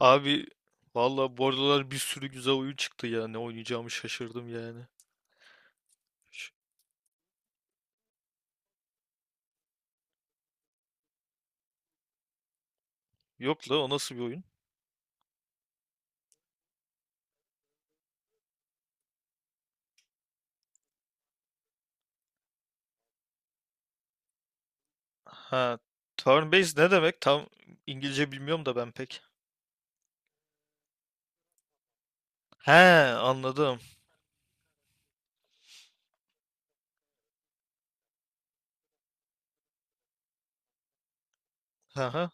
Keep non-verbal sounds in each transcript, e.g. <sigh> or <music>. Abi valla bu aralar bir sürü güzel oyun çıktı ya. Ne oynayacağımı şaşırdım yani. Ş- Yok la, o nasıl bir oyun? Ha, turn based ne demek? Tam İngilizce bilmiyorum da ben pek. He, anladım. Aha.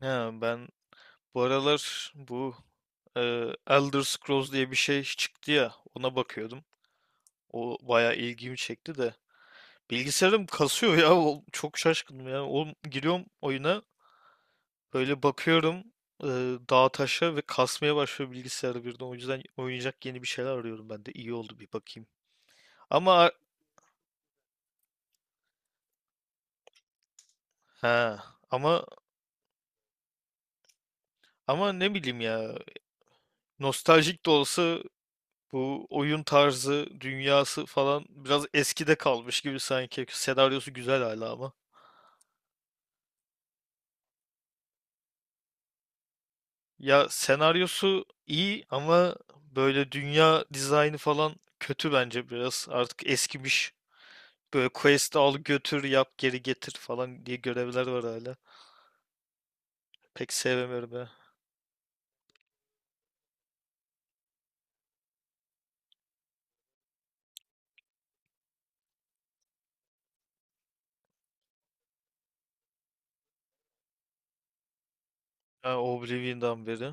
Ha, ben bu aralar bu e, Elder Scrolls diye bir şey çıktı ya, ona bakıyordum. O bayağı ilgimi çekti de. Bilgisayarım kasıyor ya. Çok şaşkınım ya. Oğlum, giriyorum oyuna, böyle bakıyorum, e, dağa taşa ve kasmaya başlıyor bilgisayarı birden. O yüzden oynayacak yeni bir şeyler arıyorum ben de. İyi oldu, bir bakayım. Ama ha ama ama ne bileyim ya. Nostaljik de olsa bu oyun tarzı, dünyası falan biraz eskide kalmış gibi sanki. Senaryosu güzel hala ama. Ya senaryosu iyi ama böyle dünya dizaynı falan kötü bence biraz. Artık eskimiş. Böyle quest'i al götür yap geri getir falan diye görevler var hala. Pek sevmiyorum ya. Ha, Oblivion'dan beri.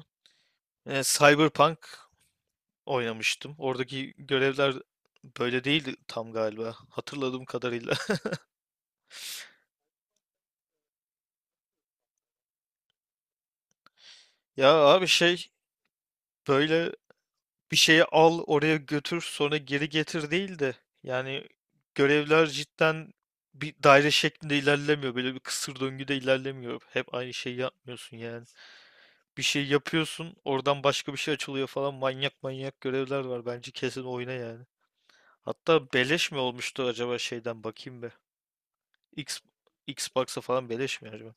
E, Cyberpunk oynamıştım. Oradaki görevler böyle değildi tam galiba. Hatırladığım kadarıyla. <laughs> Ya abi şey, böyle bir şeyi al oraya götür sonra geri getir değil de, yani görevler cidden bir daire şeklinde ilerlemiyor. Böyle bir kısır döngüde ilerlemiyor. Hep aynı şeyi yapmıyorsun yani. Bir şey yapıyorsun, oradan başka bir şey açılıyor falan. Manyak manyak görevler var. Bence kesin oyna yani. Hatta beleş mi olmuştu acaba, şeyden bakayım be. X, Xbox'a falan beleş mi acaba?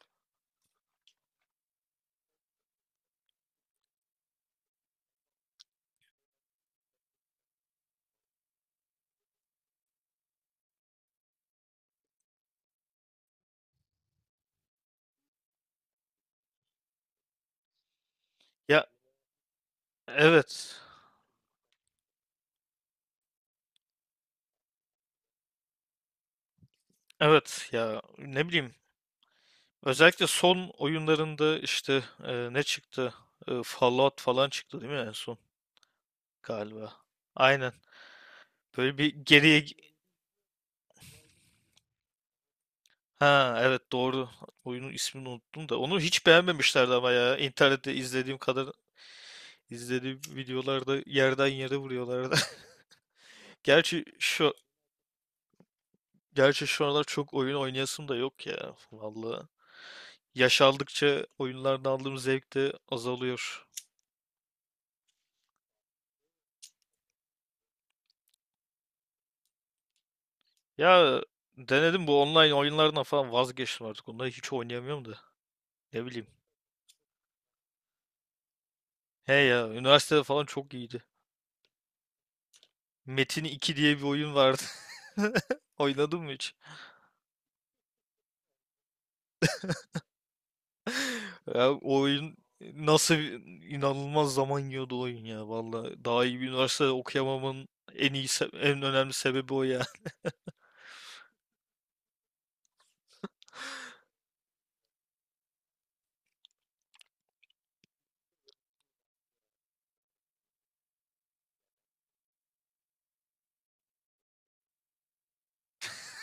Ya evet. Evet ya, ne bileyim. Özellikle son oyunlarında işte, ne çıktı? E, Fallout falan çıktı değil mi en son? Galiba. Aynen. Böyle bir geriye... Ha evet, doğru. Oyunun ismini unuttum da. Onu hiç beğenmemişlerdi ama ya. İnternette izlediğim kadar izlediğim videolarda yerden yere vuruyorlardı. <laughs> Gerçi şu gerçi şu aralar çok oyun oynayasım da yok ya. Vallahi. Yaş aldıkça oyunlardan aldığım zevk de azalıyor. Ya denedim, bu online oyunlardan falan vazgeçtim artık. Onları hiç oynayamıyorum da. Ne bileyim. He ya, üniversitede falan çok iyiydi. Metin iki diye bir oyun vardı. <laughs> Oynadın mı hiç? <laughs> Ya o oyun nasıl bir- inanılmaz zaman yiyordu o oyun ya. Vallahi daha iyi bir üniversitede okuyamamın en önemli sebebi o ya.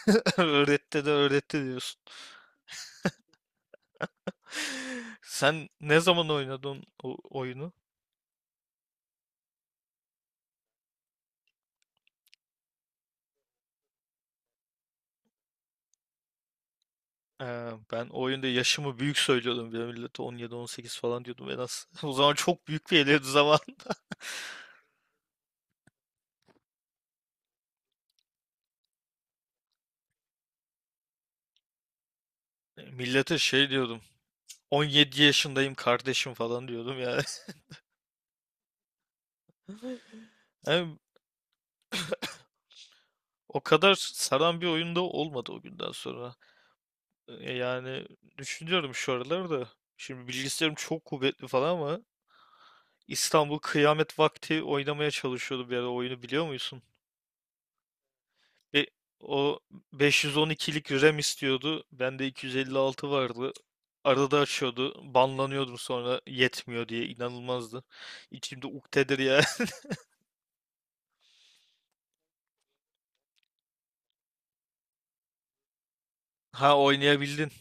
<laughs> Öğretti de öğretti diyorsun. <laughs> Sen ne zaman oynadın o oyunu? Ben o oyunda yaşımı büyük söylüyordum. Bir de millete 17-18 falan diyordum en az. <laughs> O zaman çok büyük bir geliyordu zaman. <laughs> Millete şey diyordum. 17 yaşındayım kardeşim falan diyordum ya. Yani o kadar saran bir oyunda olmadı o günden sonra. Yani düşünüyorum şu aralar da. Şimdi bilgisayarım çok kuvvetli falan ama İstanbul Kıyamet Vakti oynamaya çalışıyordu bir ara, oyunu biliyor musun? Ve o 512'lik RAM istiyordu. Bende 256 vardı. Arada açıyordu. Banlanıyordum sonra yetmiyor diye, inanılmazdı. İçimde uktedir ya. <laughs> Ha, oynayabildin.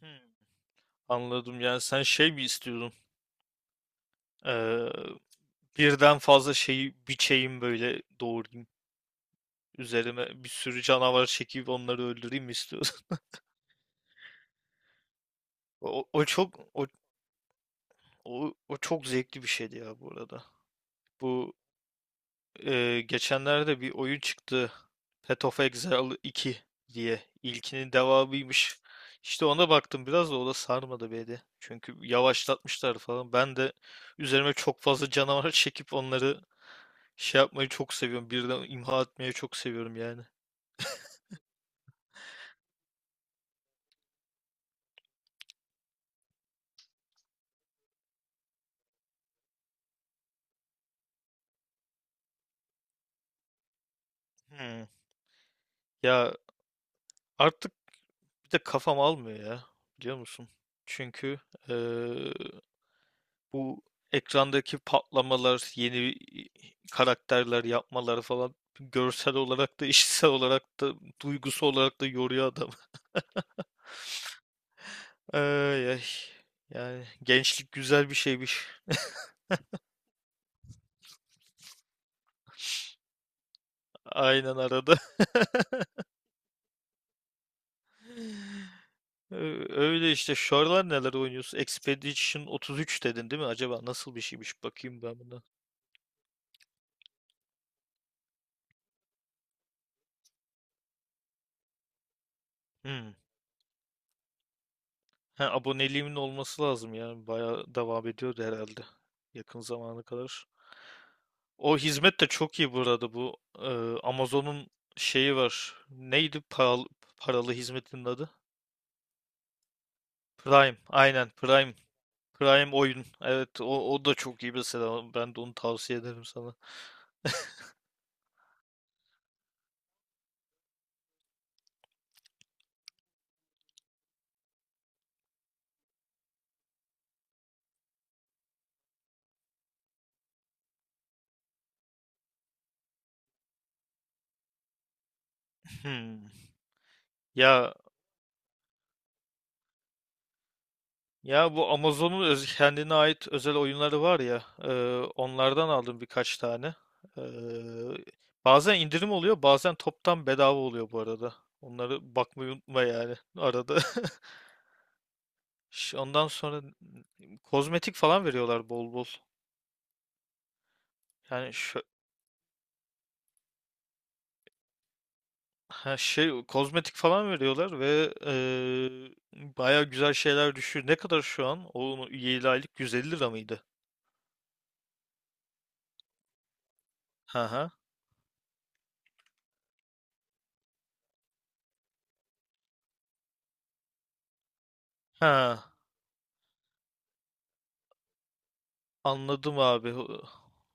Hmm. Anladım, yani sen şey mi istiyordun? Birden fazla şeyi biçeyim, böyle doğrayayım. Üzerime bir sürü canavar çekip onları öldüreyim mi istiyorsun? <laughs> O, o çok o, o çok zevkli bir şeydi ya bu arada. Bu geçenlerde bir oyun çıktı, Path of Exile 2 diye. İlkinin devamıymış. İşte ona baktım biraz, da o da sarmadı beni. Çünkü yavaşlatmışlar falan. Ben de üzerime çok fazla canavar <laughs> çekip onları şey yapmayı çok seviyorum. Birden imha etmeyi çok seviyorum yani. Hmm. Ya artık bir de kafam almıyor ya, biliyor musun? Çünkü eee, bu ekrandaki patlamalar, yeni karakterler yapmaları falan görsel olarak da, <laughs> işitsel olarak da, duygusu olarak da yoruyor adam. <laughs> Ay ay. Yani gençlik güzel bir şeymiş. Aynen arada. <laughs> Öyle işte. Şu aralar neler oynuyorsun? Expedition 33 dedin değil mi? Acaba nasıl bir şeymiş? Bakayım ben buna. Hmm. Ha, aboneliğimin olması lazım ya. Bayağı devam ediyordu herhalde yakın zamana kadar. O hizmet de çok iyi burada, Amazon'un şeyi var. Neydi paralı hizmetinin adı? Prime. Aynen, Prime. Prime oyun. Evet, o da çok iyi mesela. Ben de onu tavsiye ederim sana. Hmm. Ya Ya bu Amazon'un kendine ait özel oyunları var ya, onlardan aldım birkaç tane. E, bazen indirim oluyor, bazen toptan bedava oluyor bu arada. Onları bakmayı unutma yani arada. <laughs> Ondan sonra kozmetik falan veriyorlar bol bol. Yani şu ha şey kozmetik falan veriyorlar ve baya güzel şeyler düşüyor. Ne kadar şu an? Onun 7 aylık 150 lira mıydı? Ha ha. Ha, anladım abi. O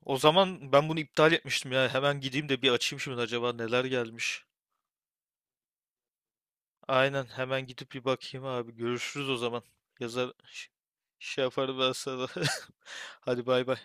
o zaman ben bunu iptal etmiştim ya. Hemen gideyim de bir açayım şimdi, acaba neler gelmiş. Aynen, hemen gidip bir bakayım abi. Görüşürüz o zaman. Yazar şey yaparım ben sana. <laughs> Hadi bay bay.